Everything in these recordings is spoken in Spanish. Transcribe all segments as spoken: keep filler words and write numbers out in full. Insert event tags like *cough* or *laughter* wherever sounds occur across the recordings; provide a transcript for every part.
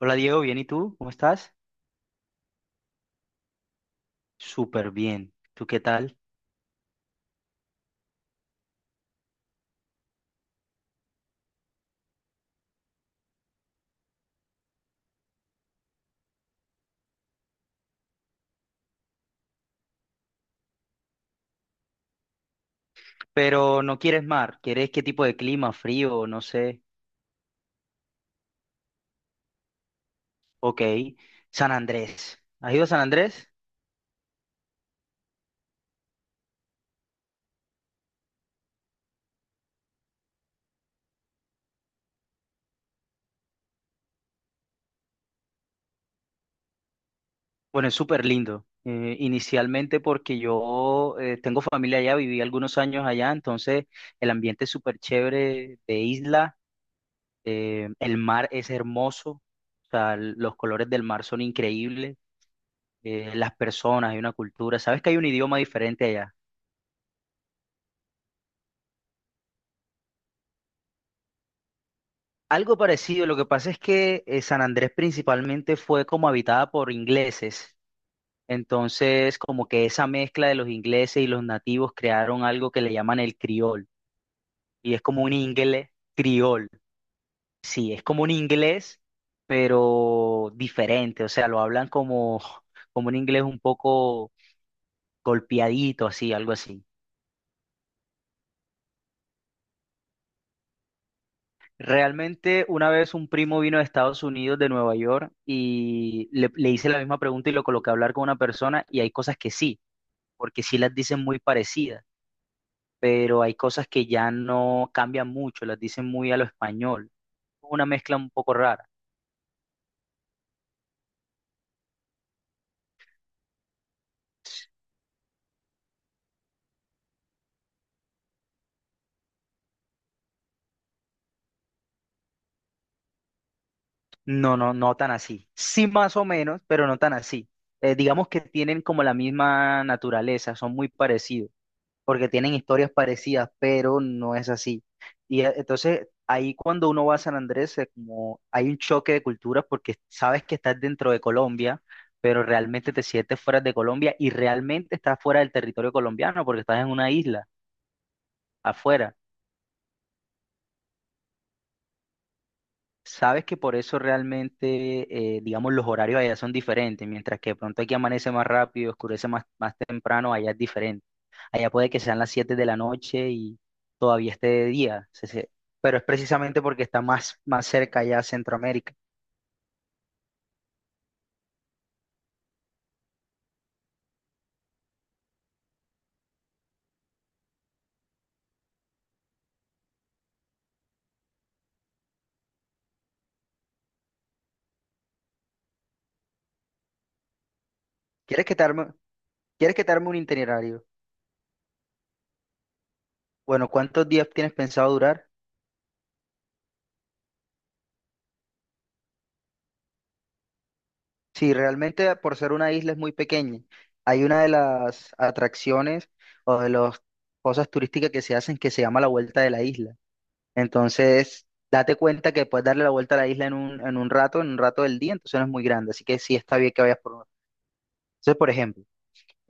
Hola Diego, bien, ¿y tú? ¿Cómo estás? Súper bien. ¿Tú qué tal? Pero no quieres mar, ¿quieres qué tipo de clima? Frío, no sé. Ok. San Andrés. ¿Has ido a San Andrés? Bueno, es súper lindo. Eh, inicialmente porque yo eh, tengo familia allá, viví algunos años allá, entonces el ambiente es súper chévere de isla. eh, el mar es hermoso. O sea, l- los colores del mar son increíbles. eh, las personas, hay una cultura. ¿Sabes que hay un idioma diferente allá? Algo parecido, lo que pasa es que eh, San Andrés principalmente fue como habitada por ingleses, entonces como que esa mezcla de los ingleses y los nativos crearon algo que le llaman el criol, y es como un inglés criol, sí, es como un inglés, pero diferente, o sea, lo hablan como, como un inglés un poco golpeadito, así, algo así. Realmente una vez un primo vino de Estados Unidos, de Nueva York, y le, le hice la misma pregunta y lo coloqué a hablar con una persona y hay cosas que sí, porque sí las dicen muy parecidas, pero hay cosas que ya no cambian mucho, las dicen muy a lo español. Una mezcla un poco rara. No, no, no tan así. Sí más o menos, pero no tan así. Eh, digamos que tienen como la misma naturaleza, son muy parecidos. Porque tienen historias parecidas, pero no es así. Y eh, entonces ahí cuando uno va a San Andrés, eh, como hay un choque de culturas porque sabes que estás dentro de Colombia, pero realmente te sientes fuera de Colombia y realmente estás fuera del territorio colombiano porque estás en una isla afuera. Sabes que por eso realmente, eh, digamos, los horarios allá son diferentes, mientras que de pronto aquí amanece más rápido, oscurece más, más temprano, allá es diferente. Allá puede que sean las siete de la noche y todavía esté de día. se- se- Pero es precisamente porque está más, más cerca allá a Centroamérica. ¿Quieres que te arme, ¿Quieres que te arme un itinerario? Bueno, ¿cuántos días tienes pensado durar? Sí, realmente por ser una isla es muy pequeña. Hay una de las atracciones o de las cosas turísticas que se hacen que se llama la vuelta de la isla. Entonces, date cuenta que puedes darle la vuelta a la isla en un, en un rato, en un rato del día, entonces no es muy grande. Así que sí está bien que vayas por uno. Entonces, por ejemplo,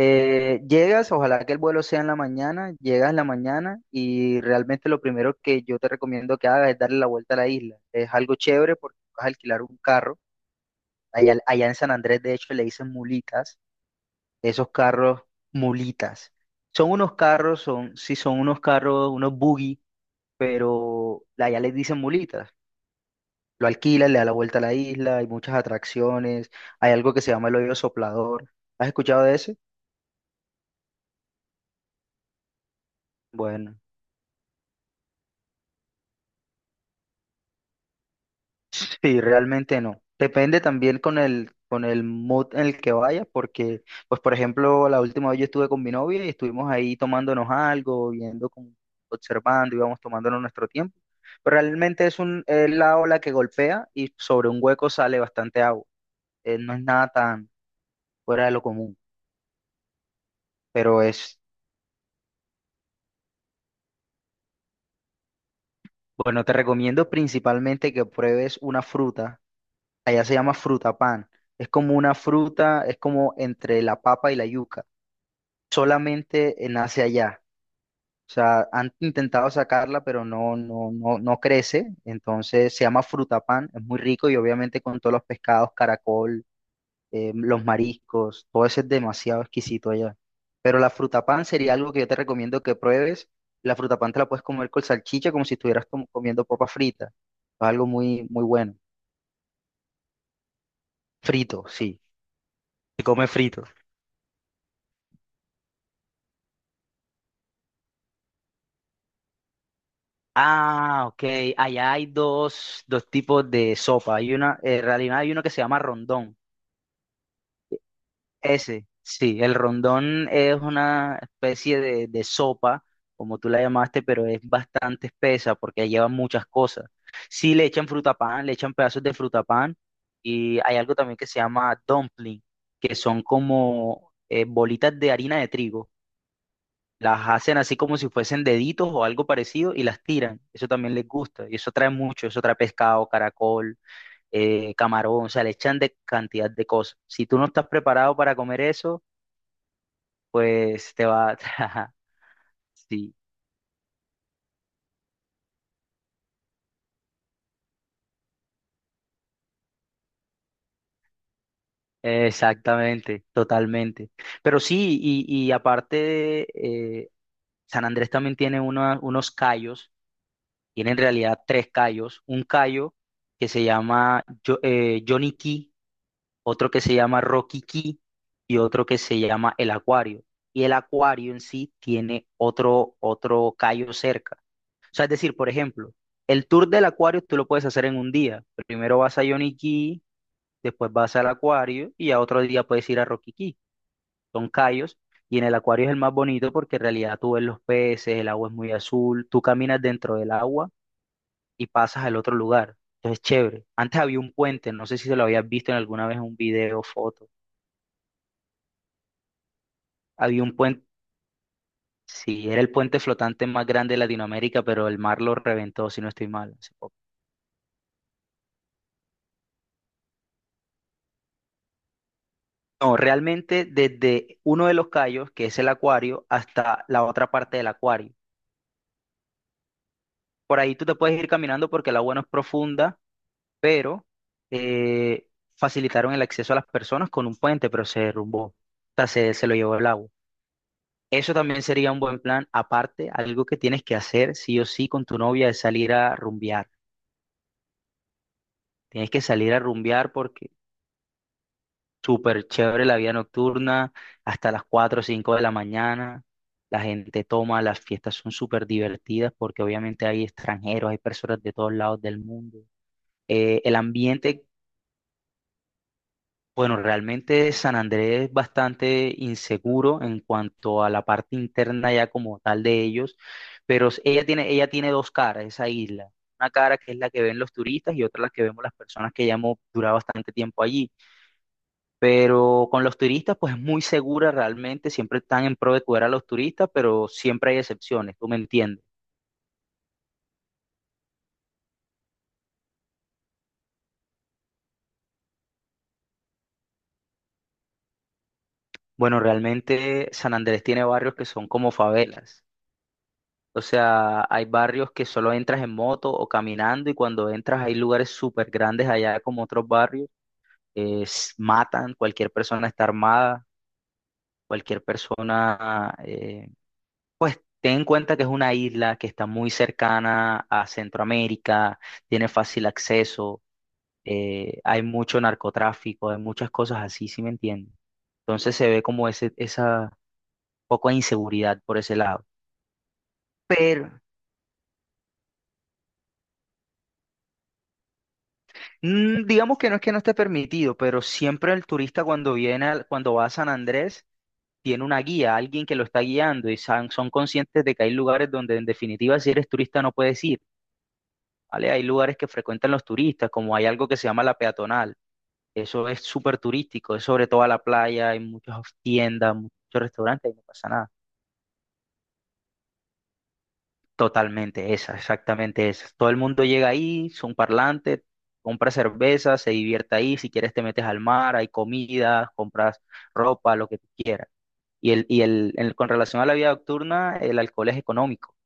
Eh, llegas, ojalá que el vuelo sea en la mañana, llegas en la mañana y realmente lo primero que yo te recomiendo que hagas es darle la vuelta a la isla. Es algo chévere porque vas a alquilar un carro. Allá, allá en San Andrés, de hecho, le dicen mulitas. Esos carros, mulitas. Son unos carros, son, sí, son unos carros, unos buggy, pero allá les dicen mulitas. Lo alquilas, le da la vuelta a la isla, hay muchas atracciones, hay algo que se llama el hoyo soplador. ¿Has escuchado de ese? Bueno. Sí, realmente no. Depende también con el, con el mood en el que vaya, porque, pues, por ejemplo, la última vez yo estuve con mi novia y estuvimos ahí tomándonos algo, viendo, como, observando, íbamos tomándonos nuestro tiempo. Pero realmente es un, es la ola que golpea y sobre un hueco sale bastante agua. Eh, no es nada tan fuera de lo común, pero es, bueno, te recomiendo principalmente que pruebes una fruta. Allá se llama fruta pan. Es como una fruta, es como entre la papa y la yuca. Solamente eh, nace allá. O sea, han intentado sacarla, pero no, no, no, no crece. Entonces se llama frutapán, es muy rico y obviamente con todos los pescados, caracol, eh, los mariscos, todo eso es demasiado exquisito allá. Pero la frutapán sería algo que yo te recomiendo que pruebes. La frutapán te la puedes comer con salchicha como si estuvieras com- comiendo papa frita. Es algo muy, muy bueno. Frito, sí. Se come frito. Ah, ok. Allá hay dos, dos tipos de sopa. Hay una, eh, en realidad hay uno que se llama rondón. Ese, sí, el rondón es una especie de, de sopa, como tú la llamaste, pero es bastante espesa porque lleva muchas cosas. Sí, le echan frutapán, le echan pedazos de frutapán y hay algo también que se llama dumpling, que son como eh, bolitas de harina de trigo las hacen así como si fuesen deditos o algo parecido y las tiran. Eso también les gusta. Y eso trae mucho. Eso trae pescado, caracol, eh, camarón. O sea, le echan de cantidad de cosas. Si tú no estás preparado para comer eso, pues te va. Ajá, *laughs* sí, exactamente, totalmente. Pero sí, y, y aparte, eh, San Andrés también tiene una- unos callos. Tiene en realidad tres callos. Un callo que se llama Jo- eh, Johnny Key, otro que se llama Roquiquí y otro que se llama El Acuario. Y el acuario en sí tiene otro, otro callo cerca. O sea, es decir, por ejemplo, el tour del acuario tú lo puedes hacer en un día. Primero vas a Yoniquí, después vas al acuario y a otro día puedes ir a Roquiquí. Son callos. Y en el acuario es el más bonito porque en realidad tú ves los peces, el agua es muy azul, tú caminas dentro del agua y pasas al otro lugar. Entonces, chévere. Antes había un puente, no sé si se lo habías visto en alguna vez, en un video, foto. Había un puente, sí, era el puente flotante más grande de Latinoamérica, pero el mar lo reventó, si no estoy mal, hace poco. No, realmente desde uno de los cayos, que es el acuario, hasta la otra parte del acuario. Por ahí tú te puedes ir caminando porque el agua no es profunda, pero eh, facilitaron el acceso a las personas con un puente, pero se derrumbó. O sea, se, se lo llevó el agua. Eso también sería un buen plan. Aparte, algo que tienes que hacer sí o sí con tu novia es salir a rumbear. Tienes que salir a rumbear. Súper chévere la vida nocturna, hasta las cuatro o cinco de la mañana. La gente toma, las fiestas son súper divertidas porque obviamente hay extranjeros, hay personas de todos lados del mundo. Eh, el ambiente, bueno, realmente San Andrés es bastante inseguro en cuanto a la parte interna ya como tal de ellos, pero s- ella tiene, ella tiene dos caras, esa isla. Una cara que es la que ven los turistas y otra la que vemos las personas que ya hemos durado bastante tiempo allí. Pero con los turistas, pues es muy segura realmente, siempre están en pro de cuidar a los turistas, pero siempre hay excepciones, tú me entiendes. Bueno, realmente San Andrés tiene barrios que son como favelas. O sea, hay barrios que solo entras en moto o caminando y cuando entras hay lugares súper grandes allá como otros barrios. eh, s- matan, cualquier persona está armada, cualquier persona, eh, pues ten en cuenta que es una isla que está muy cercana a Centroamérica, tiene fácil acceso. eh, hay mucho narcotráfico, hay muchas cosas así, ¿sí me entiendes? Entonces se ve como ese, esa poco de inseguridad por ese lado. Pero mm, digamos que no es que no esté permitido, pero siempre el turista cuando viene, al- cuando va a San Andrés, tiene una guía, alguien que lo está guiando y san- son conscientes de que hay lugares donde en definitiva si eres turista no puedes ir, ¿vale? Hay lugares que frecuentan los turistas, como hay algo que se llama la peatonal. Eso es súper turístico, es sobre toda la playa, hay muchas tiendas, muchos restaurantes y no pasa nada. Totalmente esa, exactamente esa. Todo el mundo llega ahí, son parlantes, compra cerveza, se divierte ahí, si quieres te metes al mar, hay comida, compras ropa, lo que tú quieras. Y, el, y el, el- con relación a la vida nocturna, el alcohol es económico,